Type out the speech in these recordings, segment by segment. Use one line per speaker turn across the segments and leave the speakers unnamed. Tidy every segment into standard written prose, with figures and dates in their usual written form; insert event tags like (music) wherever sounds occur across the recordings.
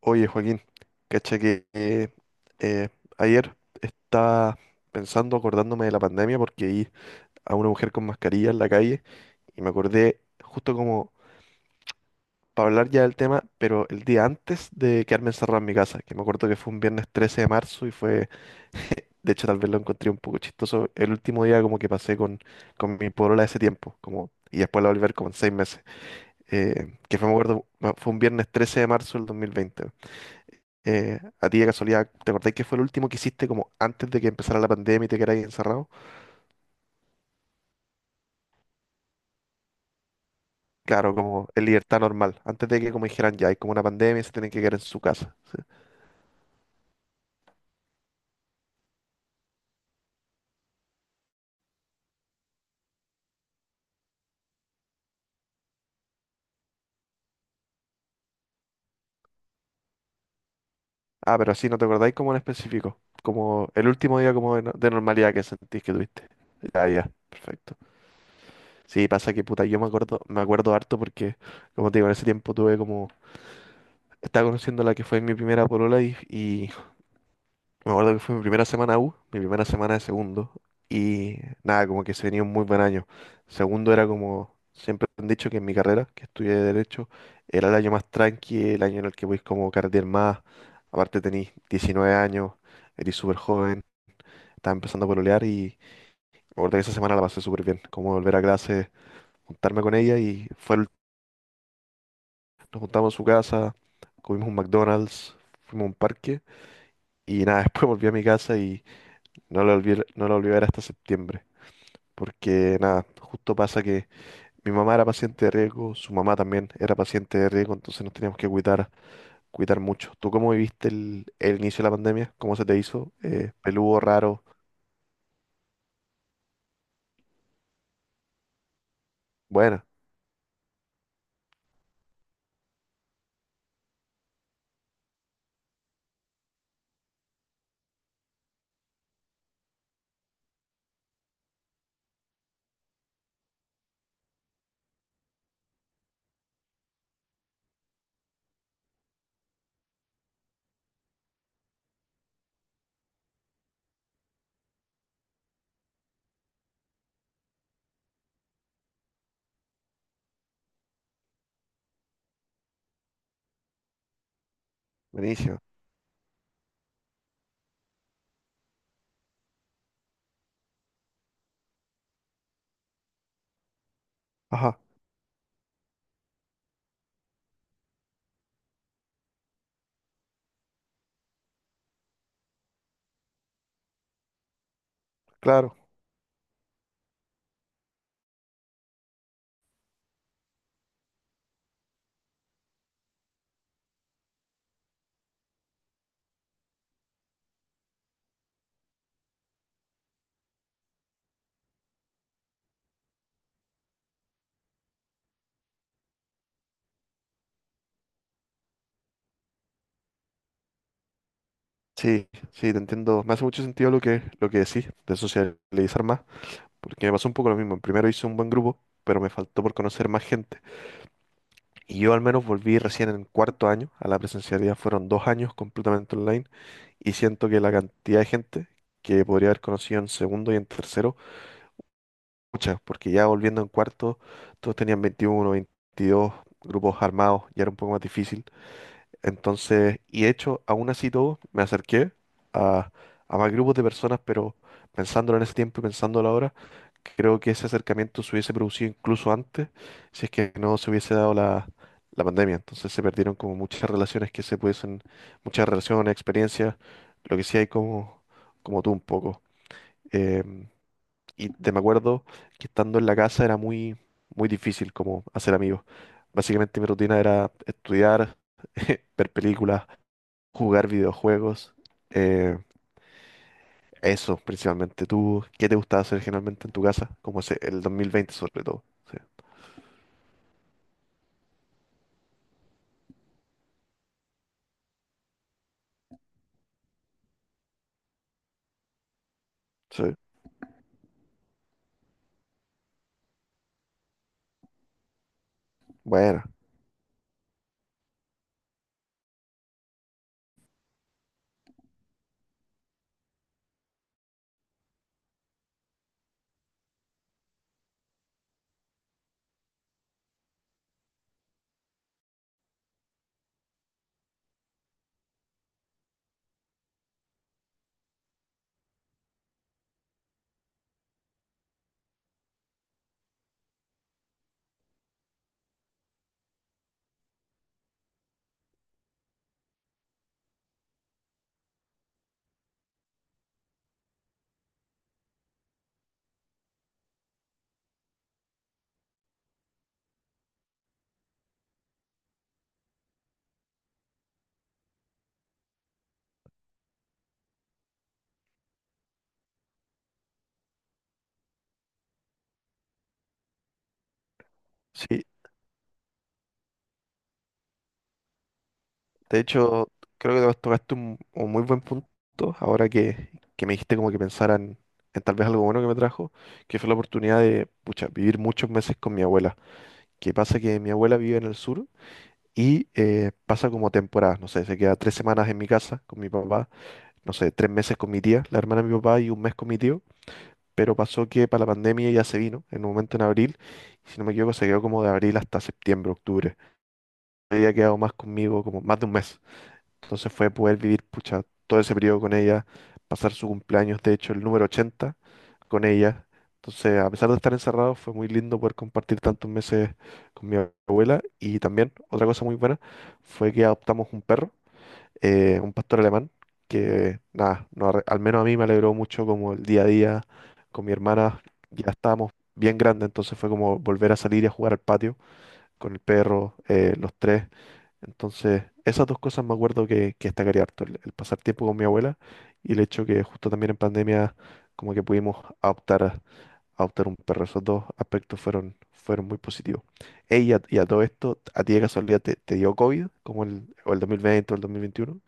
Oye, Joaquín, cacha que eh, ayer estaba pensando, acordándome de la pandemia, porque vi a una mujer con mascarilla en la calle y me acordé justo como para hablar ya del tema, pero el día antes de quedarme encerrado en mi casa, que me acuerdo que fue un viernes 13 de marzo y fue, de hecho, tal vez lo encontré un poco chistoso, el último día como que pasé con mi polola de ese tiempo, como, y después la volver como en 6 meses, que fue, me acuerdo, fue un viernes 13 de marzo del 2020. A ti de casualidad, ¿te acordáis que fue el último que hiciste como antes de que empezara la pandemia y te quedáis encerrado? Claro, como en libertad normal, antes de que como dijeran ya, hay como una pandemia y se tienen que quedar en su casa. Ah, pero así no te acordáis como en específico, como el último día como de, no- de normalidad que sentís que tuviste. Ya, ya, perfecto. Sí, pasa que puta, yo me acuerdo harto porque, como te digo, en ese tiempo tuve como, estaba conociendo a la que fue mi primera polola y me acuerdo que fue mi primera semana U, mi primera semana de segundo, y nada, como que se venía un muy buen año. Segundo era como, siempre han dicho que en mi carrera, que estudié Derecho, era el año más tranqui, el año en el que voy como carretear más. Aparte tenís 19 años, eres súper joven, estaba empezando a pololear y me acuerdo que esa semana la pasé súper bien. Como volver a clase, juntarme con ella y fue nos juntamos en su casa, comimos un McDonald's, fuimos a un parque y nada, (laughs) después volví a mi casa y no lo volví a ver hasta septiembre. Porque nada, justo pasa que mi mamá era paciente de riesgo, su mamá también era paciente de riesgo, entonces nos teníamos que cuidar, cuidar mucho. ¿Tú cómo viviste el inicio de la pandemia? ¿Cómo se te hizo? Peludo, raro, bueno, buenísimo. Ajá, claro. Sí, sí, te entiendo. Me hace mucho sentido lo que decís, de socializar más, porque me pasó un poco lo mismo. En primero hice un buen grupo, pero me faltó por conocer más gente. Y yo al menos volví recién en cuarto año a la presencialidad, fueron 2 años completamente online. Y siento que la cantidad de gente que podría haber conocido en segundo y en tercero, muchas, porque ya volviendo en cuarto, todos tenían 21 22 grupos armados, ya era un poco más difícil. Entonces, y de hecho, aún así todo, me acerqué a, a más grupos de personas, pero pensándolo en ese tiempo y pensándolo ahora, creo que ese acercamiento se hubiese producido incluso antes, si es que no se hubiese dado la pandemia. Entonces se perdieron como muchas relaciones que se pudiesen, muchas relaciones, experiencias, lo que sí hay como tú un poco. Em, y te me acuerdo que estando en la casa era muy, muy difícil como hacer amigos. Básicamente mi rutina era estudiar, (laughs) ver películas, jugar videojuegos, eh, eso principalmente. ¿Tú qué te gustaba hacer generalmente en tu casa? Como ese- el 2020 sobre todo. Sí, sí. Bueno, sí. De hecho, creo que tocaste un muy buen punto ahora que me dijiste como que pensaran en tal vez algo bueno que me trajo, que fue la oportunidad de, pucha, vivir muchos meses con mi abuela. Que pasa que mi abuela vive en el sur y pasa como temporadas, no sé, se queda 3 semanas en mi casa con mi papá, no sé, 3 meses con mi tía, la hermana de mi papá y un mes con mi tío. Pero pasó que para la pandemia ya se vino, en un momento en abril, y si no me equivoco se quedó como de abril hasta septiembre, octubre. Había quedado más conmigo como más de un mes. Entonces fue poder vivir, pucha, todo ese periodo con ella, pasar su cumpleaños, de hecho, el número 80 con ella. Entonces, a pesar de estar encerrado, fue muy lindo poder compartir tantos meses con mi abuela. Y también, otra cosa muy buena, fue que adoptamos un perro, un pastor alemán que, nada, no arre- al menos a mí me alegró mucho como el día a día con mi hermana, ya estábamos bien grandes, entonces fue como volver a salir y a jugar al patio con el perro, los tres. Entonces, esas dos cosas me acuerdo que destacaría harto, el pasar tiempo con mi abuela y el hecho que justo también en pandemia como que pudimos adoptar adoptar un perro. Esos dos aspectos fueron, fueron muy positivos. Ey, y a todo esto, ¿a ti de casualidad te dio COVID? Como el, o el 2020 o el 2021.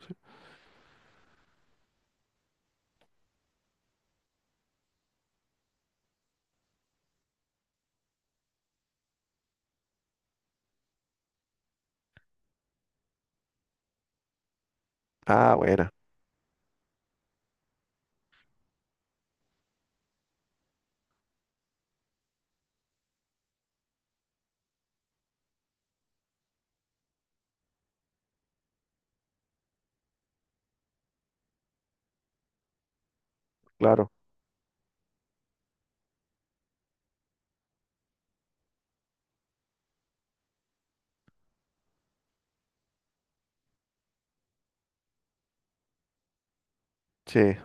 Ah, buena, claro, sí,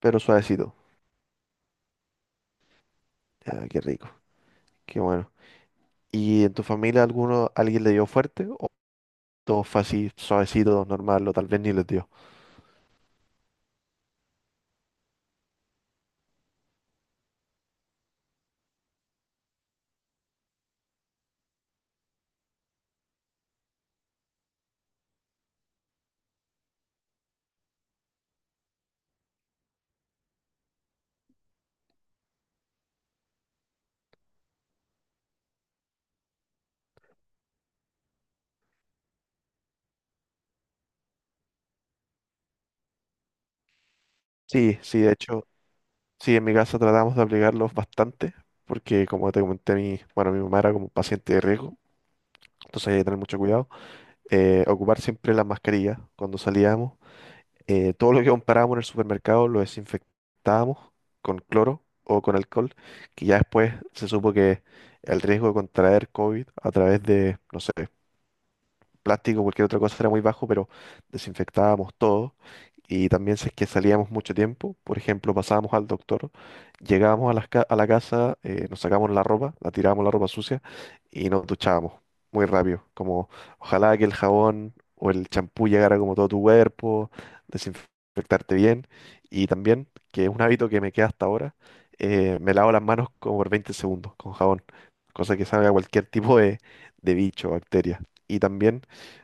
pero suavecito. Ya, qué rico, qué bueno. ¿Y en tu familia alguno, alguien le dio fuerte? ¿O todo fue así, suavecito, normal, o tal vez ni les dio? Sí, sí, de hecho, sí, en mi casa tratamos de aplicarlos bastante, porque como te comenté, mi, bueno, mi mamá era como paciente de riesgo, entonces hay que tener mucho cuidado. Ocupar siempre la mascarilla cuando salíamos. Todo lo que comprábamos en el supermercado lo desinfectábamos con cloro o con alcohol, que ya después se supo que el riesgo de contraer COVID a través de, no sé, plástico, cualquier otra cosa era muy bajo, pero desinfectábamos todo. Y también si es que salíamos mucho tiempo, por ejemplo, pasábamos al doctor, llegábamos a la casa, nos sacábamos la ropa, la tirábamos la ropa sucia y nos duchábamos muy rápido. Como ojalá que el jabón o el champú llegara como todo tu cuerpo, desinfectarte bien. Y también, que es un hábito que me queda hasta ahora, me lavo las manos como por 20 segundos con jabón, cosa que salga cualquier tipo de bicho, bacteria. Y también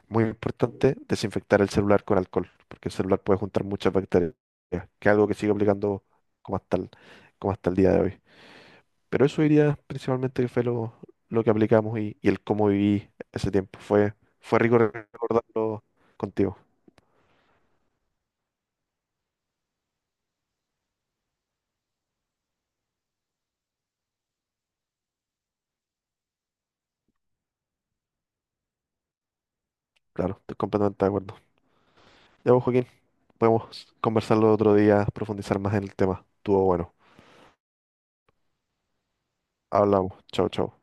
muy importante, desinfectar el celular con alcohol, porque el celular puede juntar muchas bacterias, que es algo que sigue aplicando como hasta el, como hasta el día de hoy. Pero eso diría principalmente que fue lo que aplicamos y el cómo viví ese tiempo. Fue rico recordarlo contigo. Claro, estoy completamente de acuerdo. Ya vos, Joaquín, podemos conversarlo otro día, profundizar más en el tema. Estuvo bueno. Hablamos. Chao, chao.